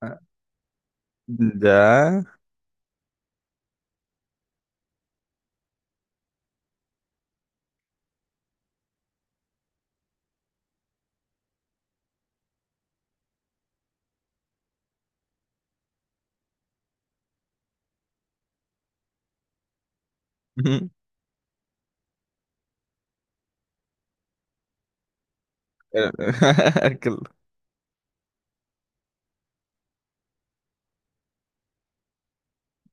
Ah. Ya. Ujú. Pero- Cl-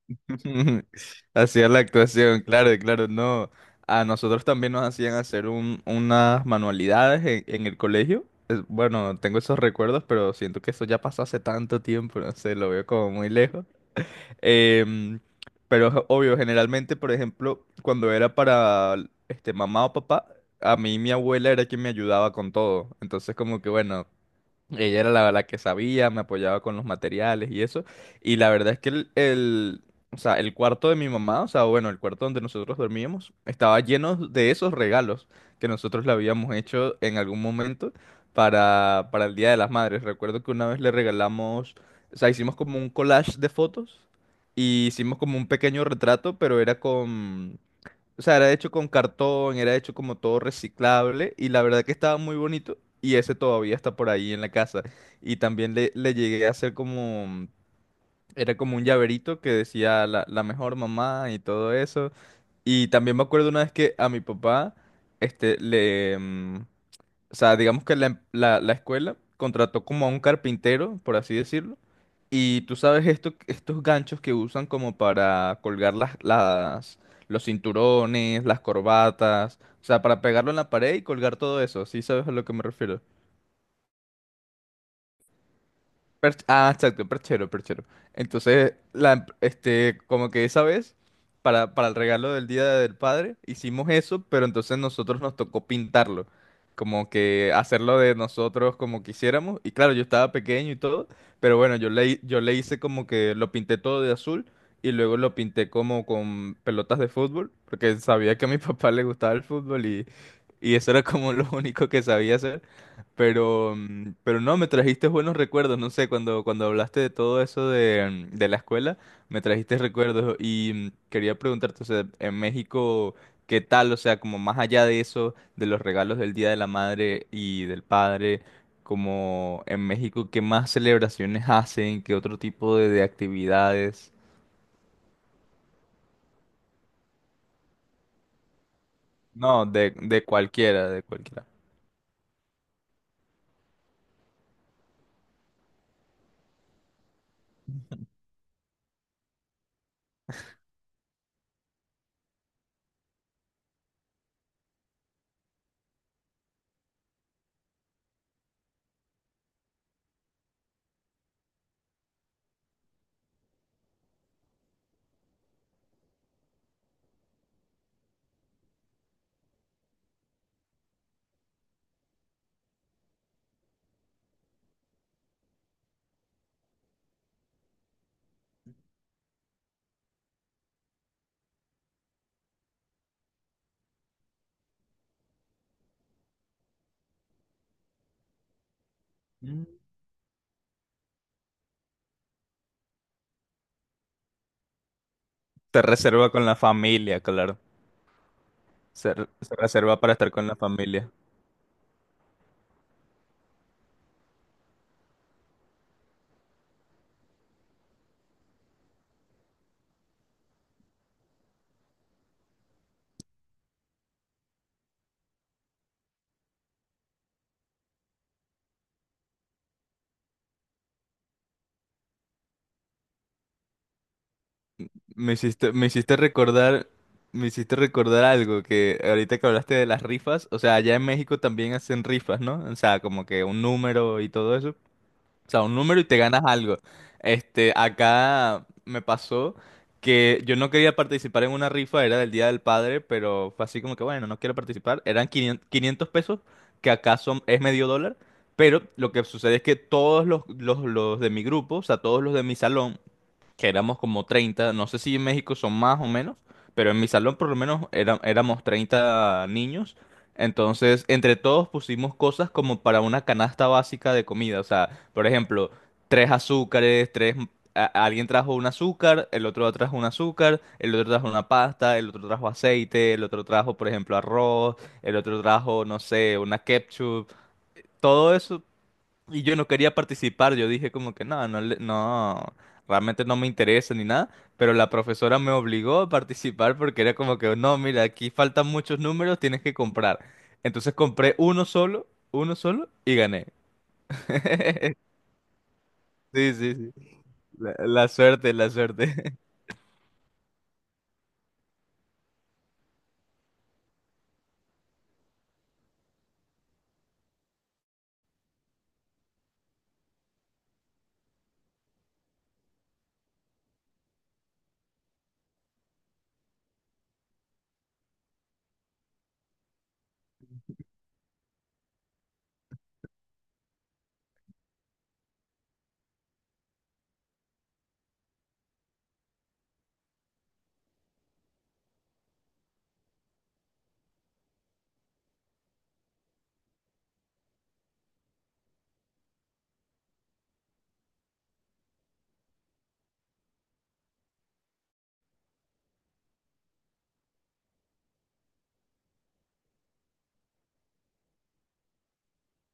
Hacía la actuación, claro, claro, no. A nosotros también nos hacían hacer unas manualidades en el colegio. Bueno, tengo esos recuerdos, pero siento que eso ya pasó hace tanto tiempo, no sé, lo veo como muy lejos. Em, pero es obvio, generalmente, por ejemplo, cuando era para mamá o papá, a mí mi abuela era quien me ayudaba con todo. Entonces, como que bueno. Ella era la que sabía, me apoyaba con los materiales y eso. Y la verdad es que o sea, el cuarto de mi mamá, o sea, bueno, el cuarto donde nosotros dormíamos, estaba lleno de esos regalos que nosotros le habíamos hecho en algún momento para el Día de las Madres. Recuerdo que una vez le regalamos, o sea, hicimos como un collage de fotos y hicimos como un pequeño retrato, pero o sea, era hecho con cartón, era hecho como todo reciclable y la verdad que estaba muy bonito y ese todavía está por ahí en la casa. Y también le llegué a hacer como, era como un llaverito que decía la mejor mamá y todo eso. Y también me acuerdo una vez que a mi papá, este, le, mm, o sea, digamos que la, em- la la escuela contrató como a un carpintero, por así decirlo y tú sabes esto, estos ganchos que usan como para colgar los cinturones, las corbatas, o sea, para pegarlo en la pared y colgar todo eso, ¿sí sabes a lo que me refiero? Ah, exacto, perchero, perchero. Entonces, como que esa vez, para el regalo del Día del Padre, hicimos eso, pero entonces nosotros nos tocó pintarlo. Como que hacerlo de nosotros como quisiéramos. Y claro, yo estaba pequeño y todo, pero bueno, yo le hice como que lo pinté todo de azul y luego lo pinté como con pelotas de fútbol, porque sabía que a mi papá le gustaba el fútbol y eso era como lo único que sabía hacer. Pero no, me trajiste buenos recuerdos, no sé, cuando hablaste de todo eso de la escuela, me trajiste recuerdos y quería preguntarte, o sea, en México, ¿qué tal? O sea, como más allá de eso, de los regalos del Día de la Madre y del Padre, como en México, ¿qué más celebraciones hacen? ¿Qué otro tipo de actividades? No, de cualquiera, de cualquiera. Mm. Se reserva con la familia, claro. Se reserva para estar con la familia. Me hiciste, me hiciste recordar, me hiciste recordar algo que ahorita que hablaste de las rifas, o sea, allá en México también hacen rifas, ¿no? O sea, como que un número y todo eso. O sea, un número y te ganas algo. Este, acá me pasó que yo no quería participar en una rifa, era del Día del Padre, pero fue así como que, bueno, no quiero participar. Eran 500 pesos, que acá son, es medio dólar. Pero lo que sucede es que todos los de mi grupo, o sea, todos los de mi salón, que éramos como 30 no sé si en México son más o menos, pero en mi salón por lo menos éramos 30 niños. Entonces, entre todos pusimos cosas como para una canasta básica de comida. O sea, por ejemplo, tres azúcares, tres... alguien trajo un azúcar, el otro trajo un azúcar, el otro trajo una pasta, el otro trajo aceite, el otro trajo, por ejemplo, arroz, el otro trajo, no sé, una ketchup. Todo eso, y yo no quería participar, yo dije como que no, no, no, realmente no me interesa ni nada, pero la profesora me obligó a participar porque era como que no, mira, aquí faltan muchos números, tienes que comprar. Entonces compré uno solo y gané. Sí, sí, sí. La suerte, la suerte.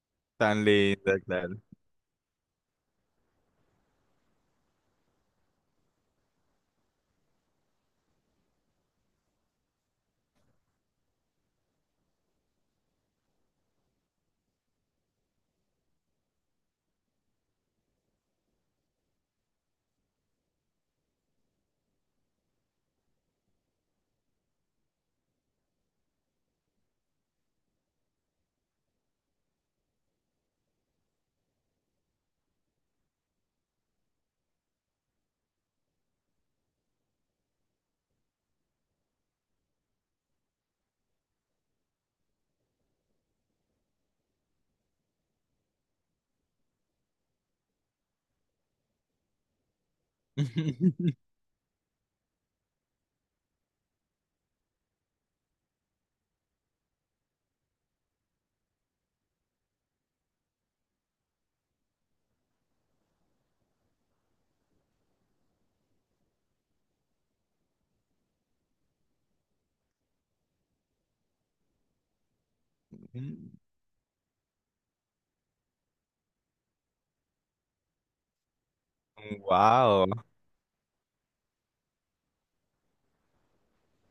Tan linda, claro. Wow.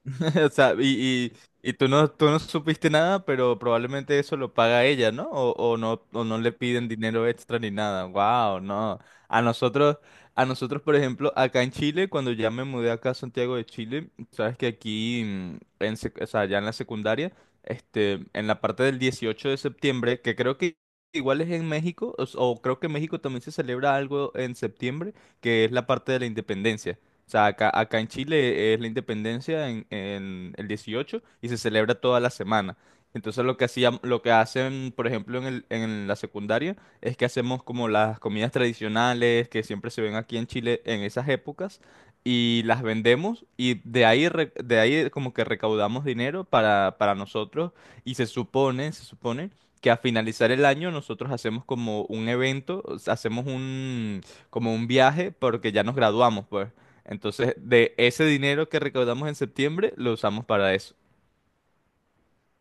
O sea, y, tú no supiste nada, pero probablemente eso lo paga ella, ¿no? O no le piden dinero extra ni nada. Wow, no. A nosotros, a nosotros, por ejemplo, acá en Chile, cuando ya me mudé acá a Santiago de Chile, sabes que aquí, o sea, ya en la secundaria, este, en la parte del 18 de septiembre, que creo que igual es en México, o creo que en México también se celebra algo en septiembre, que es la parte de la independencia. O sea, acá, acá en Chile es la independencia en el 18 y se celebra toda la semana. Entonces lo que hacían, lo que hacen, por ejemplo, en la secundaria es que hacemos como las comidas tradicionales que siempre se ven aquí en Chile en esas épocas y las vendemos y de ahí como que recaudamos dinero para nosotros y se supone que a finalizar el año nosotros hacemos como un evento, o sea, hacemos un, como un viaje porque ya nos graduamos, pues. Entonces, de ese dinero que recaudamos en septiembre, lo usamos para eso.